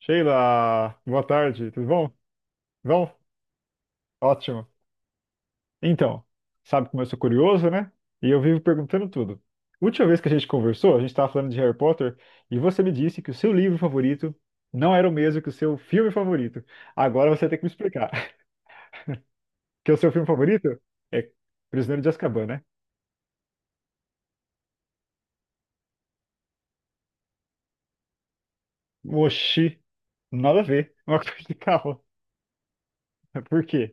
Sheila, boa tarde, tudo bom? Bom? Ótimo. Então, sabe como eu sou curioso, né? E eu vivo perguntando tudo. Última vez que a gente conversou, a gente estava falando de Harry Potter e você me disse que o seu livro favorito não era o mesmo que o seu filme favorito. Agora você tem que me explicar. Que o seu filme favorito é Prisioneiro de Azkaban, né? Oxi, nada a ver. Uma coisa de carro. Por quê?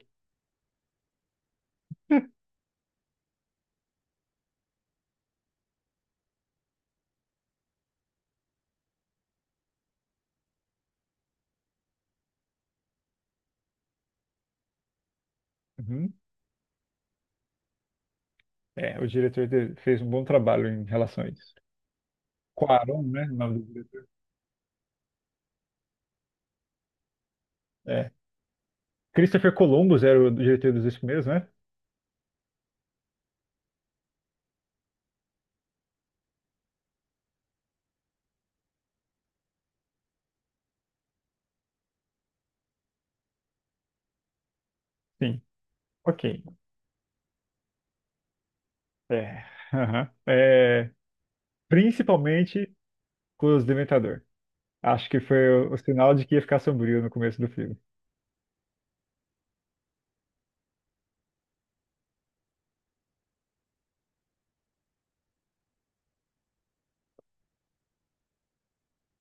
Uhum. É, o diretor fez um bom trabalho em relação a isso. Cuarón, né? O nome do diretor. É. Christopher Columbus era o diretor dos dois primeiros, né? Sim. Ok. É. Aham. É, principalmente com os Dementador. Acho que foi o sinal de que ia ficar sombrio no começo do filme.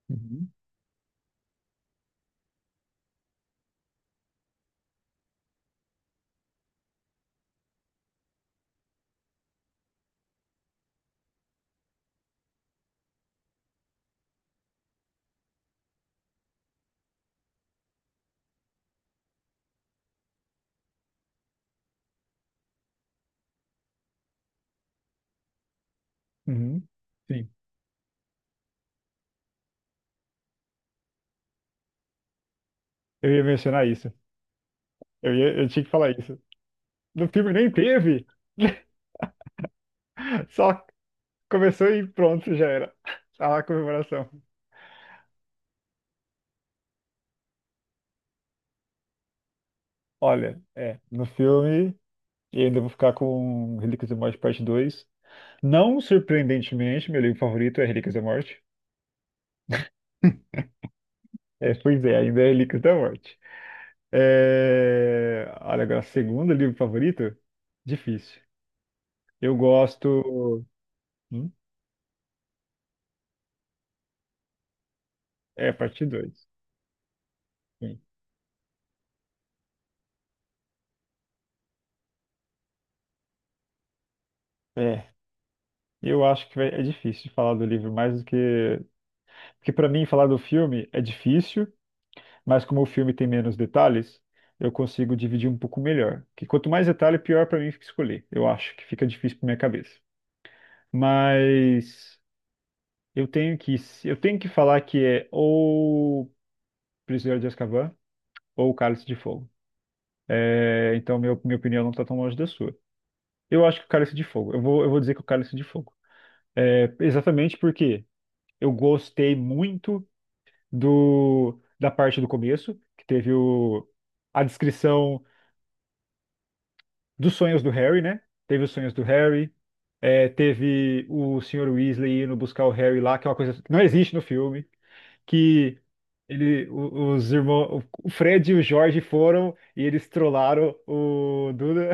Uhum. Uhum. Sim. Eu ia mencionar isso. Eu tinha que falar isso. No filme nem teve. Só começou e pronto, já era. Tá lá a comemoração. Olha, no filme, e ainda vou ficar com Relíquias da Morte Parte 2. Não surpreendentemente, meu livro favorito é Relíquias da Morte. É, pois é, ainda é Relíquias da Morte. É... Olha, agora, segundo livro favorito? Difícil. Eu gosto. Hum? É, parte 2. É, eu acho que é difícil falar do livro mais do que. Porque, para mim, falar do filme é difícil, mas como o filme tem menos detalhes, eu consigo dividir um pouco melhor. Que quanto mais detalhe, pior para mim fica escolher. Eu acho que fica difícil para minha cabeça. Mas eu tenho que, eu tenho que falar que é ou Prisioneiro de Azkaban ou o Cálice de Fogo. É, então, minha opinião não está tão longe da sua. Eu acho que o Cálice de Fogo. Eu vou dizer que o Cálice de Fogo. É, exatamente porque eu gostei muito da parte do começo, que teve a descrição dos sonhos do Harry, né? Teve os sonhos do Harry, teve o Sr. Weasley indo buscar o Harry lá, que é uma coisa que não existe no filme, que os irmãos, o Fred e o Jorge foram e eles trollaram o Duda.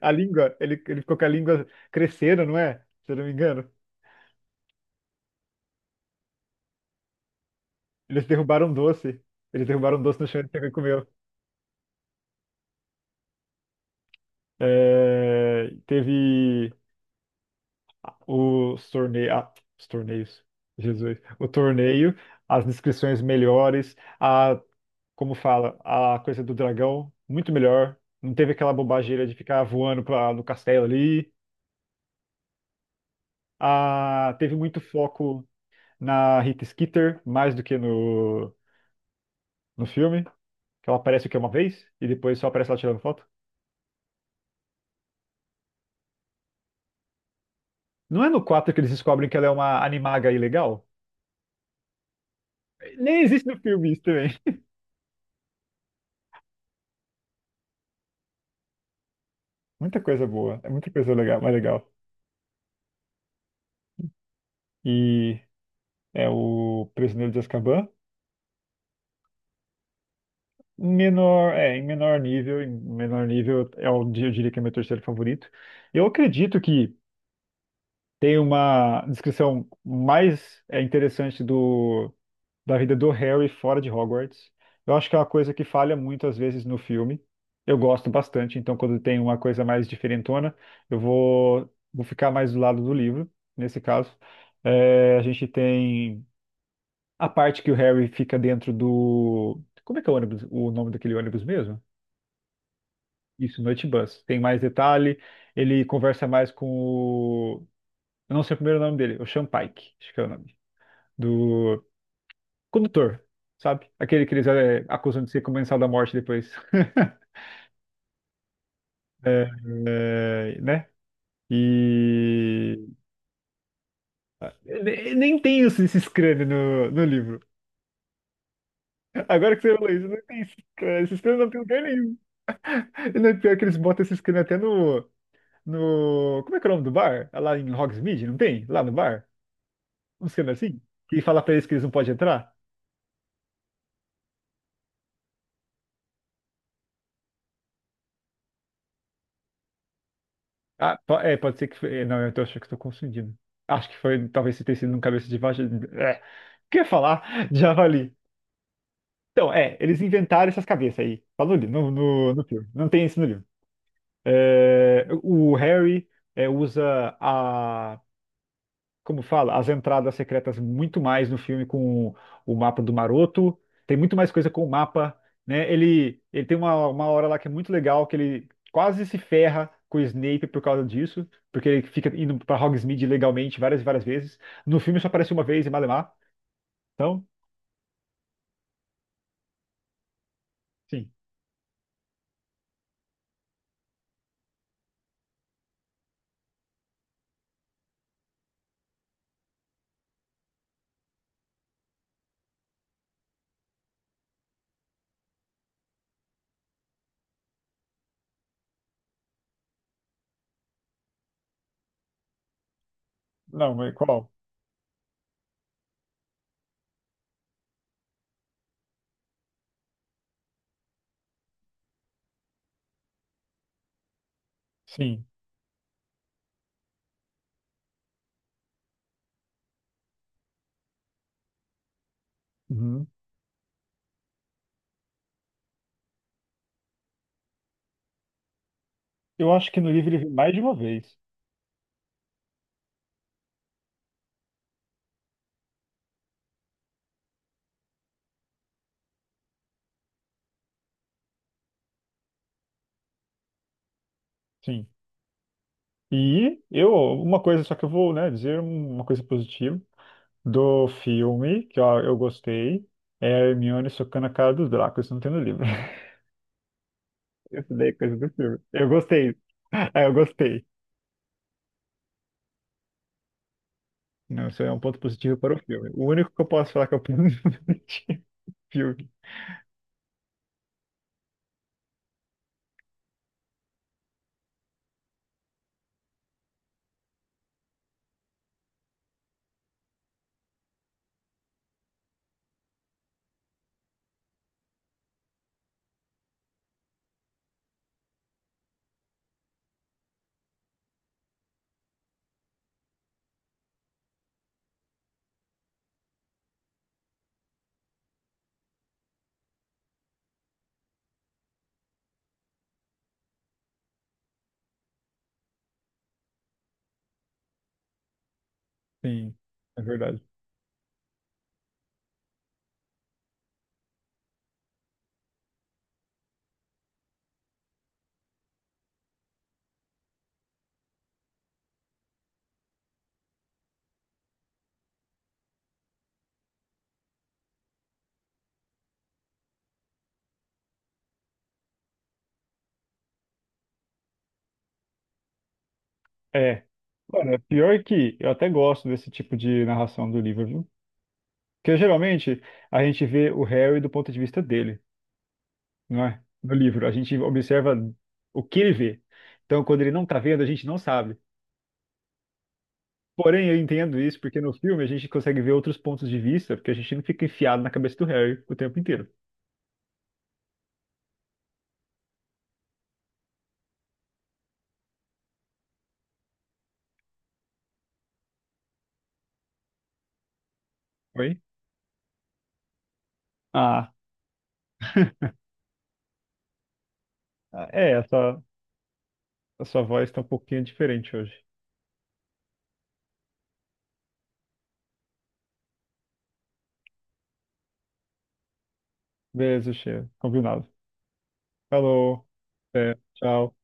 A língua, ele ficou com a língua crescendo, não é? Se eu não me engano. Eles derrubaram um doce. Eles derrubaram um doce no chão e ele pegou e comeu. É, teve os torneios. Ah, os torneios. Jesus. O torneio, as descrições melhores, a, como fala, a coisa do dragão, muito melhor. Não teve aquela bobageira de ficar voando pra, no castelo ali. Ah, teve muito foco na Rita Skeeter, mais do que no filme. Que ela aparece o quê? Uma vez? E depois só aparece ela tirando foto? Não é no 4 que eles descobrem que ela é uma animaga ilegal? Nem existe no filme isso também. Muita coisa boa. É muita coisa legal, mais legal. E é o Prisioneiro de Azkaban. Menor, é, em menor nível é o, eu diria que é meu terceiro favorito. Eu acredito que tem uma descrição mais interessante do da vida do Harry fora de Hogwarts. Eu acho que é uma coisa que falha muito às vezes no filme. Eu gosto bastante, então quando tem uma coisa mais diferentona, vou ficar mais do lado do livro, nesse caso. É, a gente tem a parte que o Harry fica dentro do. Como é que é o ônibus, o nome daquele ônibus mesmo? Isso, Noite Bus. Tem mais detalhe, ele conversa mais com o. Eu não sei o primeiro nome dele, o Sean Pike, acho que é o nome. Do. Condutor, sabe? Aquele que eles acusam de ser comensal da morte depois. É, é, né? E nem tem isso, esses crânios no livro. Agora que você falou isso, não tem esses crânios. Esses crânios não tem lugar nenhum. E não é pior que eles botam esses crânios até no, no. Como é que é o nome do bar? É Lá em Hogsmeade, não tem? Lá no bar? Uns crânios assim? Que fala pra eles que eles não podem entrar? Ah, pode ser que foi. Não, eu tô achando que estou confundindo. Acho que foi, talvez tenha sido um cabeça de vaca. É, o que eu ia falar? de Javali. Então, é, eles inventaram essas cabeças aí. Falou ali, no filme. Não tem isso no livro. É, o Harry usa a, como fala, as entradas secretas muito mais no filme com o mapa do Maroto. Tem muito mais coisa com o mapa, né? Ele tem uma hora lá que é muito legal, que ele quase se ferra com o Snape por causa disso, porque ele fica indo para Hogsmeade legalmente várias e várias vezes. No filme só aparece uma vez em Malemar. Então, sim. Não, mas qual? Sim. Uhum. Eu acho que no livro ele vem mais de uma vez. Sim. E uma coisa só que eu vou, né, dizer uma coisa positiva do filme, que ó, eu gostei, é a Hermione socando a cara dos Dracos, isso não tem no livro. Isso daí é coisa do filme. Eu gostei. Ah, eu gostei. Não, isso é um ponto positivo para o filme. O único que eu posso falar que é um ponto positivo do filme. Sim, é verdade. É. Olha, pior que eu até gosto desse tipo de narração do livro, viu? Porque geralmente a gente vê o Harry do ponto de vista dele, não é? No livro. A gente observa o que ele vê. Então, quando ele não tá vendo, a gente não sabe. Porém, eu entendo isso porque no filme a gente consegue ver outros pontos de vista, porque a gente não fica enfiado na cabeça do Harry o tempo inteiro. Oi? Ah, é, a sua, a sua voz tá um pouquinho diferente hoje. Beleza, chefe. Combinado. Falou. Até. Tchau.